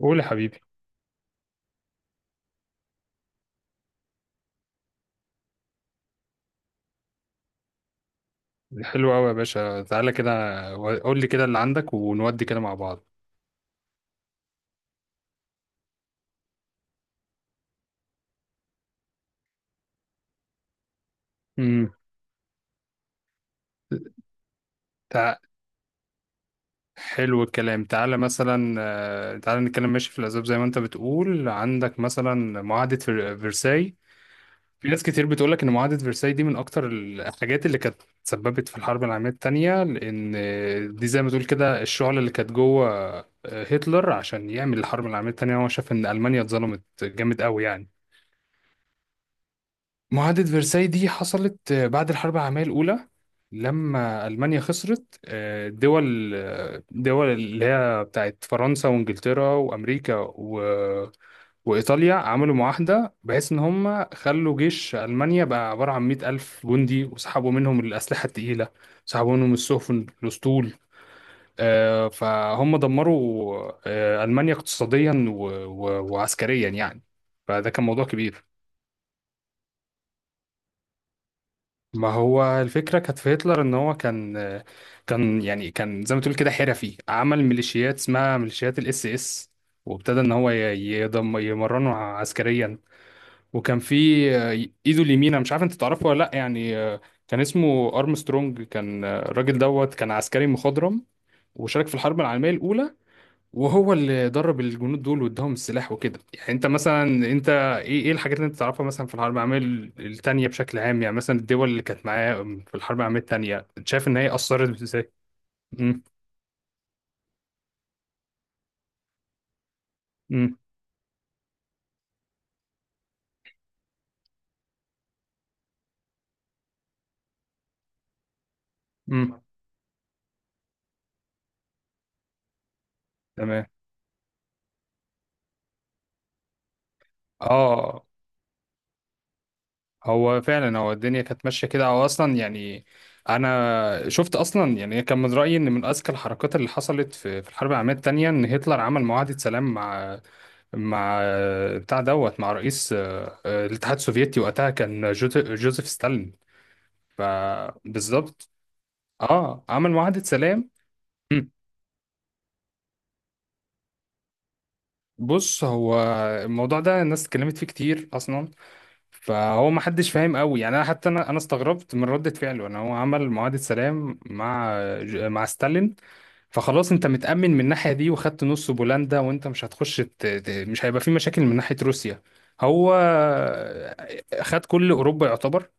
قول يا حبيبي. حلو قوي يا باشا، تعالى كده قول لي كده اللي عندك ونودي كده مع بعض. امم تع... حلو الكلام، تعالى مثلا تعالى نتكلم ماشي في الأسباب زي ما أنت بتقول، عندك مثلا معاهدة فرساي. في ناس كتير بتقولك إن معاهدة فرساي دي من أكتر الحاجات اللي كانت سببت في الحرب العالمية التانية، لأن دي زي ما تقول كده الشعلة اللي كانت جوه. هتلر عشان يعمل الحرب العالمية التانية هو شاف إن ألمانيا اتظلمت جامد قوي يعني. معاهدة فرساي دي حصلت بعد الحرب العالمية الأولى لما ألمانيا خسرت. دول اللي هي بتاعت فرنسا وإنجلترا وأمريكا وإيطاليا عملوا معاهدة بحيث إن هم خلوا جيش ألمانيا بقى عبارة عن 100,000 جندي، وسحبوا منهم الأسلحة التقيلة، سحبوا منهم السفن الأسطول. فهم دمروا ألمانيا اقتصاديا وعسكريا يعني. فده كان موضوع كبير. ما هو الفكرة كانت في هتلر ان هو كان يعني، كان زي ما تقول كده حرفي عمل ميليشيات اسمها ميليشيات الاس اس، وابتدى ان يضم يمرنه عسكريا. وكان في ايده اليمين، أنا مش عارف انت تعرفه ولا لا يعني، كان اسمه ارمسترونج، كان الراجل دوت كان عسكري مخضرم وشارك في الحرب العالمية الاولى، وهو اللي درب الجنود دول واداهم السلاح وكده يعني. انت مثلا انت ايه الحاجات اللي انت تعرفها مثلا في الحرب العالميه الثانيه بشكل عام يعني؟ مثلا الدول اللي كانت معاه في الحرب العالميه الثانيه، شايف ان هي اثرت ازاي؟ امم امم امم تمام. اه، هو فعلا هو الدنيا كانت ماشيه كده، هو اصلا يعني شفت اصلا يعني، كان من رايي ان من اذكى الحركات اللي حصلت في الحرب العالميه الثانيه ان هتلر عمل معاهده سلام مع مع بتاع دوت مع رئيس الاتحاد السوفيتي، وقتها كان جوزيف ستالين. فبالظبط. اه، عمل معاهدة سلام. مم. بص، هو الموضوع ده الناس اتكلمت فيه كتير اصلا، فهو ما حدش فاهم قوي يعني. انا حتى انا استغربت من ردة فعله ان هو عمل معاهدة سلام مع مع ستالين. فخلاص انت متأمن من الناحية دي وخدت نص بولندا، وانت مش مش هيبقى في مشاكل من ناحية روسيا. هو خد كل أوروبا يعتبر،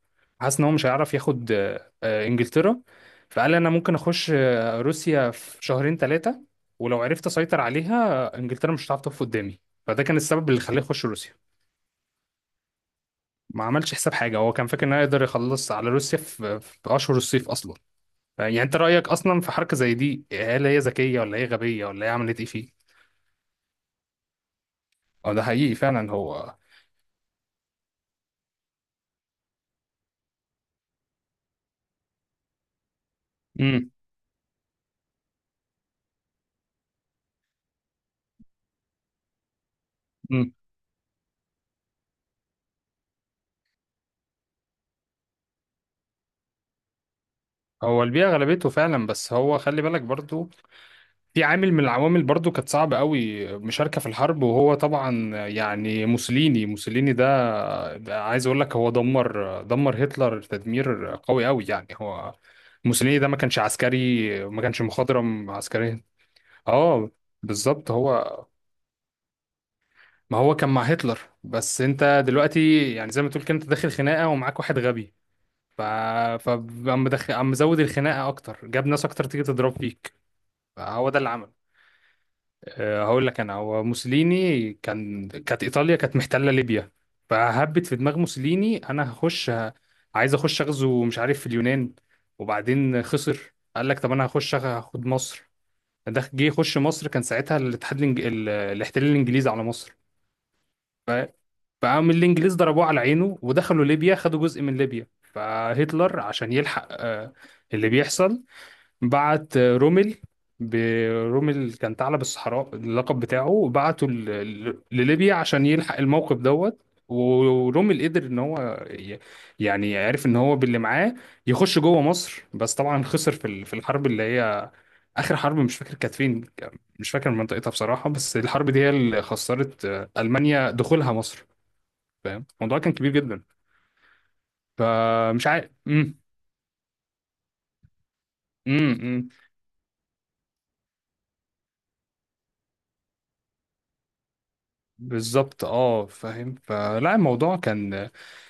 حاسس ان هو مش هيعرف ياخد انجلترا، فقال انا ممكن اخش روسيا في شهرين ثلاثة، ولو عرفت اسيطر عليها انجلترا مش هتعرف تقف قدامي. فده كان السبب اللي خلاه يخش روسيا. ما عملش حساب حاجة، هو كان فاكر انه يقدر يخلص على روسيا في اشهر الصيف اصلا. يعني انت رأيك اصلا في حركة زي دي، هل هي ذكية ولا هي غبية ولا هي عملت ايه فيه؟ اه، ده حقيقي فعلا. هو امم امم هو البيئة غلبته فعلا، بس هو خلي بالك برضو في عامل من العوامل برضو كانت صعبة قوي مشاركة في الحرب. وهو طبعا يعني، موسوليني ده, ده عايز اقول لك هو دمر هتلر تدمير قوي قوي يعني. هو موسوليني ده ما كانش عسكري، ما كانش مخضرم عسكريا. اه، بالظبط، هو ما هو كان مع هتلر، بس انت دلوقتي يعني زي ما تقول كده انت داخل خناقة ومعاك واحد غبي، ف فعم مدخل عم مزود الخناقه اكتر، جاب ناس اكتر تيجي تضرب فيك. هو ده اللي عمل. أه هقول لك انا، هو موسوليني كان، كانت ايطاليا كانت محتله ليبيا، فهبت في دماغ موسوليني انا عايز اخش اغزو مش عارف في اليونان. وبعدين خسر، قال لك طب انا هاخد مصر. ده جه يخش مصر كان ساعتها الاحتلال الانجليزي على مصر. ف... فقام الانجليز ضربوه على عينه ودخلوا ليبيا، خدوا جزء من ليبيا. فهتلر عشان يلحق اللي بيحصل بعت رومل. برومل كان ثعلب الصحراء اللقب بتاعه، بعته لليبيا عشان يلحق الموقف دوت. ورومل قدر ان يعني عرف ان هو باللي معاه يخش جوه مصر، بس طبعا خسر في في الحرب اللي هي اخر حرب مش فاكر كانت فين، مش فاكر منطقتها بصراحة. بس الحرب دي هي اللي خسرت المانيا دخولها مصر. فاهم، الموضوع كان كبير جدا. فمش عارف. امم، امم. بالظبط، اه فاهم. فلا الموضوع كان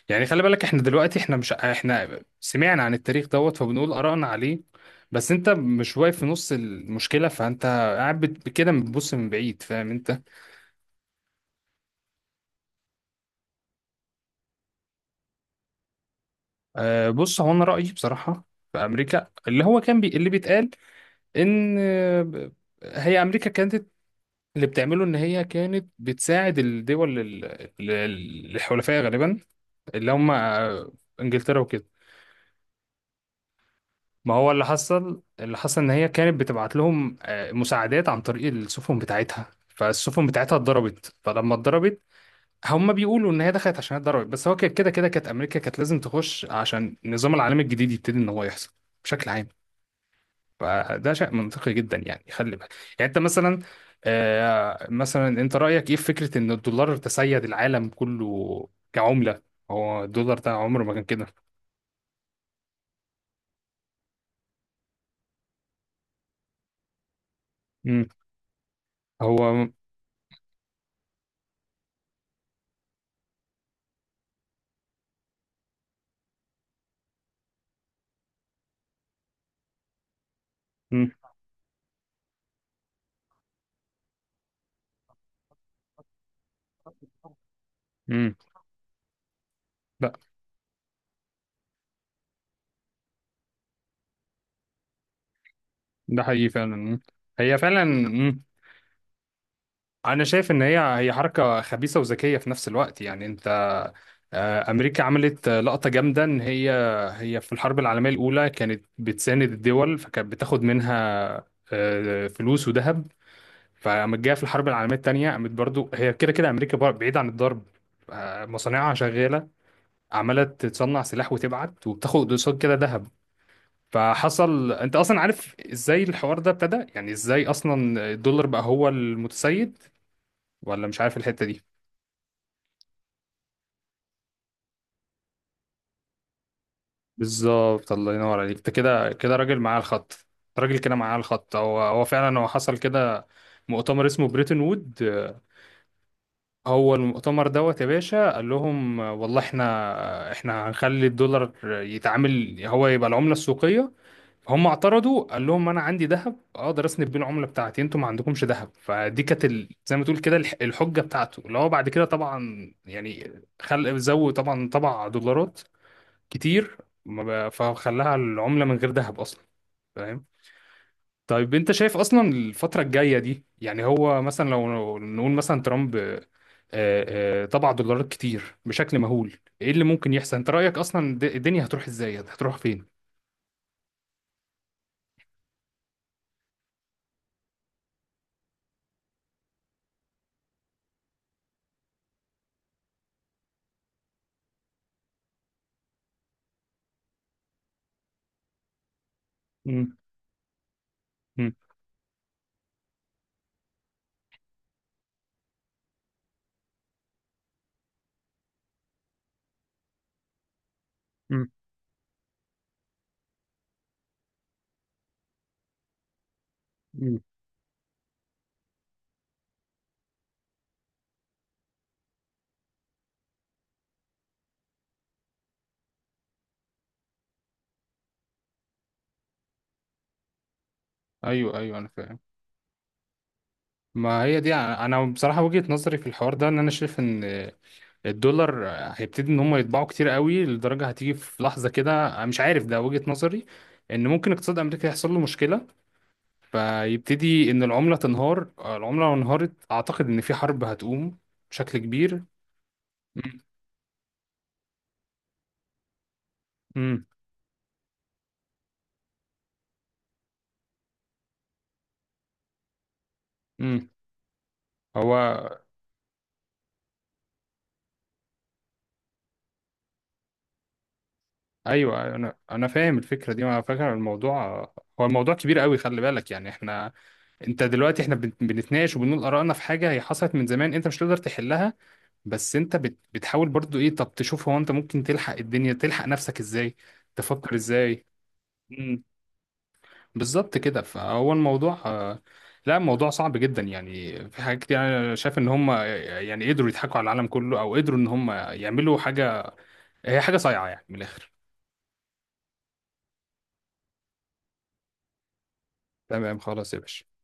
يعني، خلي بالك احنا دلوقتي احنا مش احنا سمعنا عن التاريخ دوت فبنقول آرائنا عليه، بس انت مش واقف في نص المشكلة، فانت قاعد كده بتبص من بعيد فاهم انت. آه، بص، هو انا رأيي بصراحة في امريكا، اللي هو كان بي اللي بيتقال ان هي امريكا كانت اللي بتعمله ان هي كانت بتساعد ال- الحلفاء غالبا، اللي هم انجلترا وكده. ما هو اللي حصل، اللي حصل ان هي كانت بتبعت لهم مساعدات عن طريق السفن بتاعتها، فالسفن بتاعتها اتضربت، فلما اتضربت هم بيقولوا ان هي دخلت عشان هي اتضربت. بس هو كده كانت امريكا كانت لازم تخش عشان النظام العالمي الجديد يبتدي ان هو يحصل بشكل عام. فده شيء منطقي جدا يعني، خلي بالك. يعني انت مثلا، مثلا انت رايك ايه في فكره ان الدولار تسيد العالم كله كعمله؟ هو الدولار ده عمره ما كان كده. مم. هو. مم. مم. ده حقيقي فعلا. مم. هي فعلا. مم. انا شايف ان هي حركه خبيثه وذكيه في نفس الوقت يعني. انت امريكا عملت لقطه جامده، ان هي هي في الحرب العالميه الاولى كانت بتساند الدول فكانت بتاخد منها فلوس وذهب. فقامت جايه في الحرب العالميه الثانيه قامت برضو، هي كده كده امريكا بعيد عن الضرب. مصانعها شغاله عماله تصنع سلاح وتبعت وبتاخد قصاد كده ذهب. فحصل، انت اصلا عارف ازاي الحوار ده ابتدى يعني، ازاي اصلا الدولار بقى هو المتسيد؟ ولا مش عارف الحتة دي؟ بالظبط، الله ينور عليك، انت كده كده راجل معاه الخط. أنت راجل كده معاه الخط، هو هو فعلا هو حصل كده. مؤتمر اسمه بريتن وود هو المؤتمر دوت يا باشا قال لهم والله احنا هنخلي الدولار يتعامل هو يبقى العملة السوقية. هم اعترضوا، قال لهم انا عندي ذهب اقدر اسند بيه العمله بتاعتي، انتوا ما عندكمش ذهب. فدي كانت زي ما تقول كده الحجه بتاعته، اللي هو بعد كده طبعا يعني خلق زود، طبعا طبع دولارات كتير. ما فخلاها العمله من غير ذهب اصلا. فاهم؟ طيب انت شايف اصلا الفتره الجايه دي، يعني هو مثلا لو نقول مثلا ترامب طبع دولارات كتير بشكل مهول، ايه اللي ممكن يحصل؟ انت رايك اصلا الدنيا هتروح ازاي، هتروح فين؟ مم. مم. مم. ايوه ايوه انا فاهم. ما هي دي، أنا بصراحه وجهه نظري في الحوار ده ان انا شايف ان الدولار هيبتدي ان هم يطبعوا كتير قوي، لدرجه هتيجي في لحظه كده، أنا مش عارف، ده وجهه نظري، ان ممكن اقتصاد امريكا يحصل له مشكله فيبتدي ان العمله تنهار. العمله لو انهارت اعتقد ان في حرب هتقوم بشكل كبير. امم امم هو ايوه انا فاهم الفكره دي. على فكره الموضوع، هو الموضوع كبير قوي خلي بالك يعني، احنا انت دلوقتي بنتناقش وبنقول ارائنا في حاجه هي حصلت من زمان انت مش تقدر تحلها، بس انت بتحاول برضو ايه. طب تشوف هو انت ممكن تلحق الدنيا، تلحق نفسك ازاي، تفكر ازاي. امم بالظبط كده. فهو الموضوع لا الموضوع صعب جدا يعني، في حاجات كتير انا شايف ان هم يعني قدروا يضحكوا على العالم كله، او قدروا ان هم يعملوا حاجه هي حاجه صايعه يعني من الاخر. تمام، خلاص يا باشا.